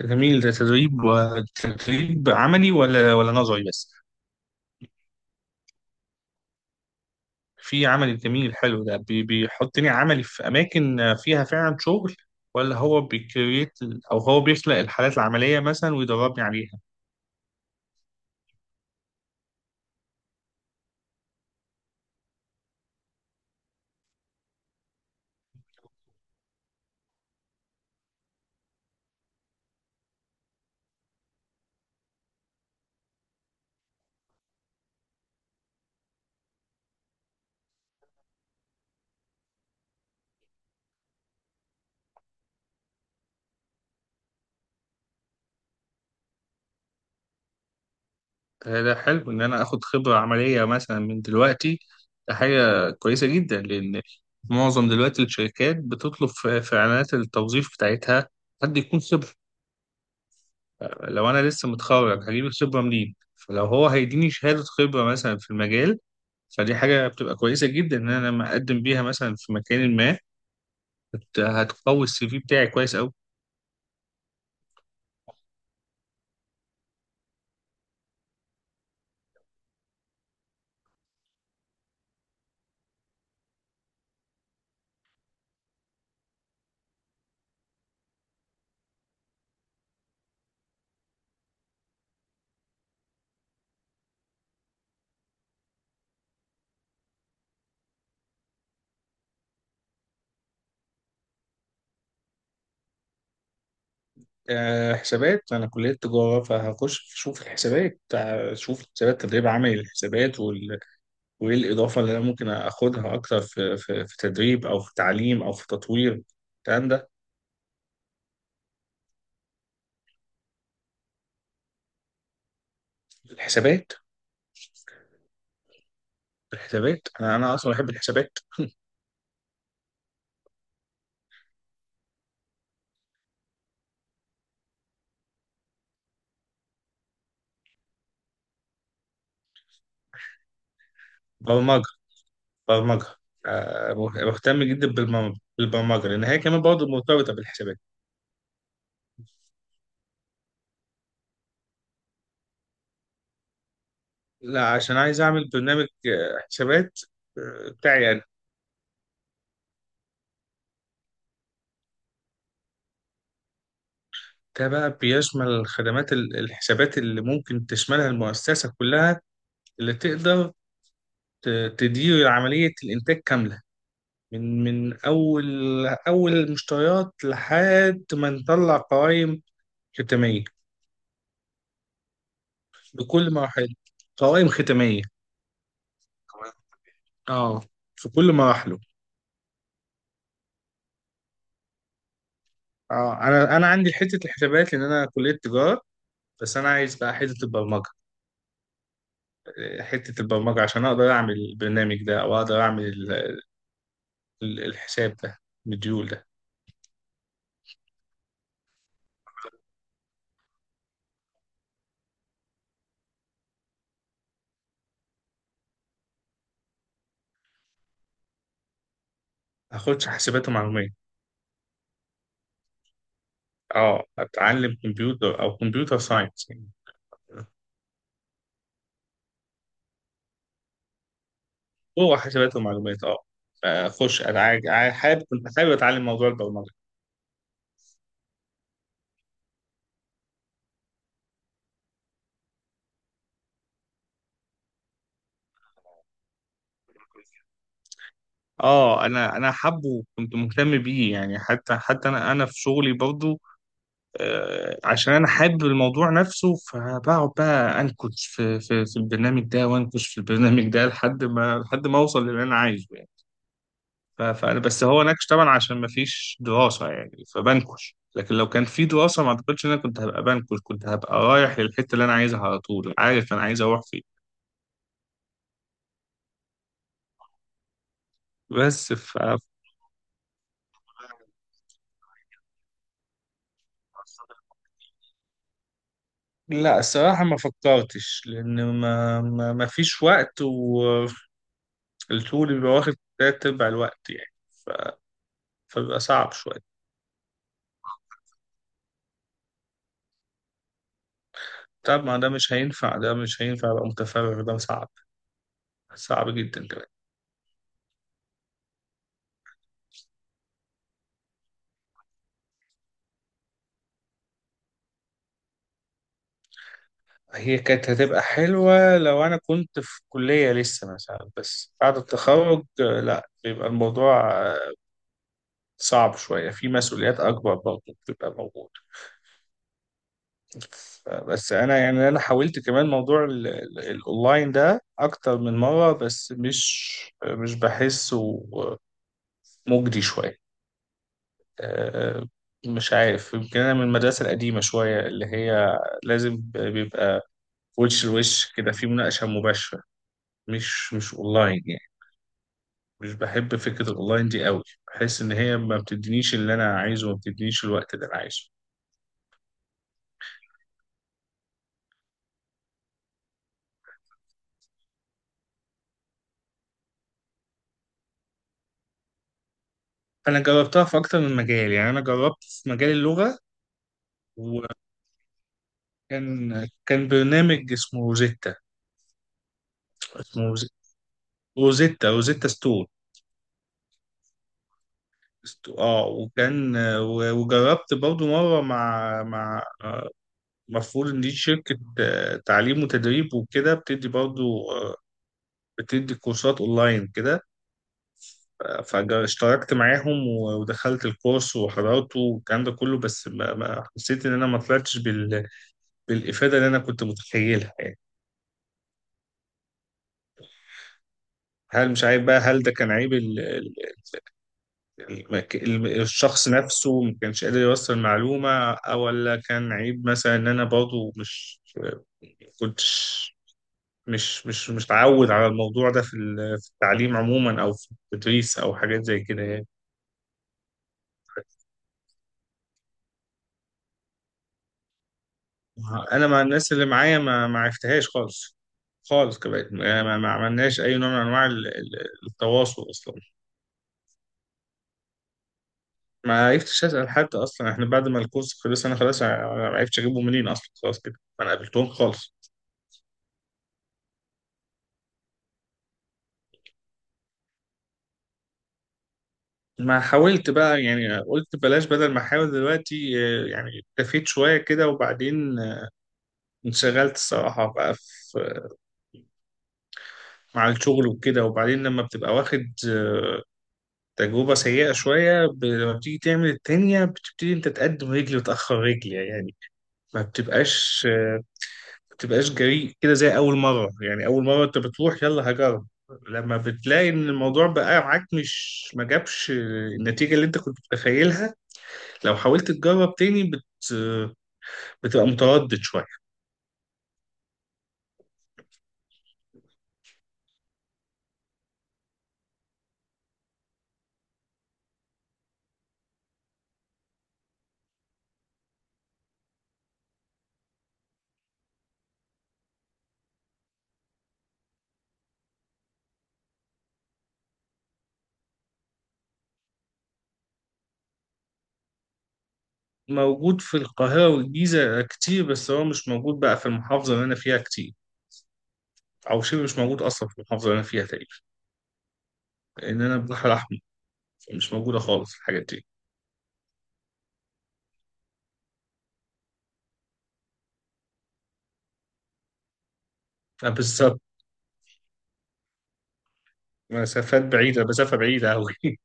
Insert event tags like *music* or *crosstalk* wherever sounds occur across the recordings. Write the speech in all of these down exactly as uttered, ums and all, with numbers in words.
جميل، ده تدريب وتدريب عملي ولا ولا نظري بس؟ في عملي جميل، حلو ده بي- بيحطني عملي في أماكن فيها فعلا شغل؟ ولا هو بيكريت؟ أو هو بيخلق الحالات العملية مثلا ويدربني عليها؟ ده ده حلو إن أنا آخد خبرة عملية مثلا من دلوقتي، ده حاجة كويسة جدا، لأن معظم دلوقتي الشركات بتطلب في في إعلانات التوظيف بتاعتها حد يكون خبرة. لو انا لسه متخرج هجيب الخبره منين؟ فلو هو هيديني شهاده خبره مثلا في المجال، فدي حاجه بتبقى كويسه جدا ان انا لما اقدم بيها مثلا في مكان ما هت- هتقوي السي في بتاعي كويس قوي. أه، حسابات، انا كليه تجاره، فهخش اشوف الحسابات، اشوف الحسابات تدريب عملي، الحسابات وال... وايه الاضافه اللي انا ممكن اخدها اكتر في في, في تدريب او في تعليم او في تطوير الكلام ده. الحسابات. الحسابات، انا انا اصلا بحب الحسابات. برمجه، برمجة. آه، مهتم جدا بالبرم- بالبرمجة، لأن هي كمان برضه مرتبطة بالحسابات. لا، عشان عايز أعمل برنامج آه، حسابات آه، بتاعي أنا. ده بقى بيشمل خدمات ال- الحسابات اللي ممكن تشملها المؤسسة كلها، اللي تقدر ت- تدير عملية الإنتاج كاملة، من من أول أول المشتريات لحد ما نطلع قوائم ختامية. بكل مراحل. قوائم ختامية. اه. في كل مراحله. اه. انا انا عندي حته الحسابات، لان انا كليه تجاره، بس انا عايز بقى حته البرمجه، حته البرمجه عشان اقدر اعمل البرنامج ده، او اقدر اعمل ال- ال- الحساب ده، مديول ده. هاخدش حسابات ومعلومات. اه، اتعلم كمبيوتر او كمبيوتر ساينس يعني. هو حسابات ومعلومات، اه. اخش انا عاج- عاي- حابب، كنت حابب اتعلم موضوع البرمجه. اه، انا انا حابه وكنت مهتم بيه يعني، حتى حتى انا انا في شغلي برضه. آه، عشان انا حابب الموضوع نفسه، فبقعد بقى انكش في في في البرنامج ده، وانكش في البرنامج ده لحد ما لحد ما اوصل للي انا عايزه يعني. ف- فانا بس هو نكش طبعا عشان ما فيش دراسه يعني، فبنكش، لكن لو كان في دراسه ما اعتقدش ان انا كنت هبقى بنكش، كنت هبقى رايح للحته اللي انا عايزها على طول، عارف انا عايز اروح فين. بس ف لا، الصراحة ما فكرتش، لأن ما ما ما فيش وقت، والشغل بيبقى واخد تلات أرباع الوقت يعني، فبيبقى صعب شوية. طب ما ده مش هينفع، ده مش هينفع أبقى متفرغ، ده صعب، صعب جدا كمان. هي كانت هتبقى حلوة لو أنا كنت في كلية لسه مثلا، بس بعد التخرج آه، لا، بيبقى الموضوع آه، صعب شوية، في مسؤوليات أكبر برضه بتبقى موجودة. ف- بس أنا يعني أنا حاولت كمان موضوع ال- ال- الأونلاين ده أكتر من مرة، بس مش مش بحسه مجدي شوية. آه، مش عارف، يمكن انا من المدرسه القديمه شويه، اللي هي لازم بيبقى وش لوش كده في مناقشه مباشره، مش مش اونلاين يعني. مش بحب فكره الاونلاين دي قوي، بحس ان هي ما بتدينيش اللي انا عايزه، وما بتدينيش الوقت اللي انا عايزه. انا جربتها في اكتر من مجال، يعني انا جربت في مجال اللغه، وكان كان برنامج اسمه روزيتا. اسمه روزيتا روزيتا روزيتا ستون. است- اه وكان و- وجربت برضو مره مع مع المفروض ان دي شركة آه، تعليم وتدريب وكده، بتدي برضو آه، بتدي كورسات اونلاين كده. فاشتركت معاهم و- ودخلت الكورس وحضرته والكلام ده كله، بس ما ما حسيت ان انا ما طلعتش بال... بالافادة اللي انا كنت متخيلها يعني. هل مش عارف بقى، هل ده كان عيب ال... ال... المك- الم- الشخص نفسه ما كانش قادر يوصل المعلومة؟ أو ولا كان عيب مثلا ان انا برضو مش كنتش مش مش مش متعود على الموضوع ده في ال- في التعليم عموما، او في التدريس، او حاجات زي كده يعني. انا مع الناس اللي معايا ما ما عرفتهاش خالص، خالص كمان ما, ما ما عملناش اي نوع من انواع ال- ال- التواصل اصلا. ما عرفتش اسال حد اصلا، احنا بعد ما الكورس خلص انا خلاص، ع- ما عرفتش اجيبه منين اصلا، خلاص كده ما انا قابلتهم خالص. ما حاولت بقى يعني، قلت بلاش بدل ما احاول دلوقتي، آه، يعني اكتفيت شويه كده، وبعدين آه، انشغلت الصراحه بقى مع الشغل وكده. وبعدين لما بتبقى واخد تجربة سيئة شوية، ب... لما بتيجي تعمل التانية بتبتدي انت تقدم رجل وتأخر رجل يعني، ما بتبقاش ما بتبقاش جريء كده زي أول مرة، يعني أول مرة انت بتروح يلا هجرب. لما بتلاقي ان الموضوع بقى معاك مش ما جابش النتيجة اللي انت كنت متخيلها، لو حاولت تجرب تاني بت... بتبقى متردد شوية. موجود في القاهرة والجيزة كتير، بس هو مش موجود بقى في المحافظة اللي أنا فيها كتير، او شبه مش موجود اصلا في المحافظه اللي انا فيها تقريبا، لان انا البحر الاحمر، فمش موجوده خالص الحاجات دي، فبالظبط. مسافات بعيده، مسافه بعيده قوي *laughs*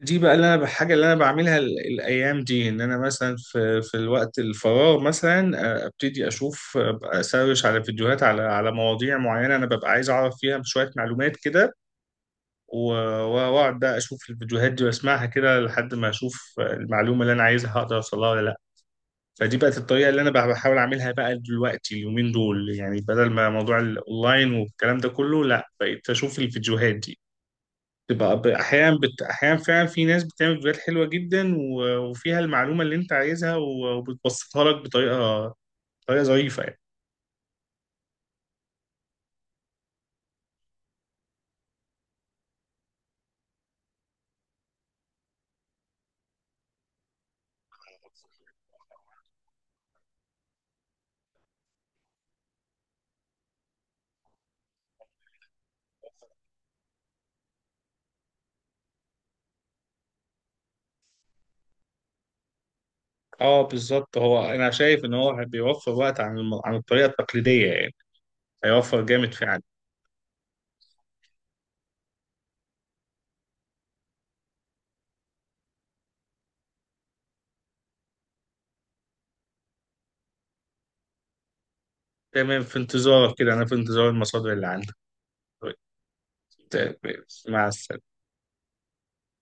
دي بقى اللي انا الحاجه اللي انا بعملها ال- الايام دي، ان انا مثلا في في الوقت الفراغ مثلا، آه، ابتدي اشوف، آه، اسرش على فيديوهات على على مواضيع معينه انا ببقى عايز اعرف فيها شويه معلومات كده. و- واقعد بقى اشوف الفيديوهات دي واسمعها كده لحد ما اشوف المعلومه اللي انا عايزها، هقدر اوصلها ولا لا. فدي بقت الطريقة اللي أنا بح- بحاول أعملها بقى دلوقتي اليومين دول يعني، بدل ما موضوع الأونلاين والكلام ده كله، لا، بقيت أشوف الفيديوهات دي. تبقى ب- أحيانا بت... أحيانا فعلا في ناس بتعمل فيديوهات حلوة جدا، و... وفيها المعلومة اللي أنت عايزها، و... وبتبسطها لك بطريقة، طريقة ظريفة يعني. اه بالظبط، هو انا شايف ان هو بيوفر وقت عن الم... عن الطريقه التقليديه يعني، هيوفر جامد فعلا. تمام، في انتظارك كده، انا في انتظار المصادر اللي عندك. طيب، ت- مع السلامه.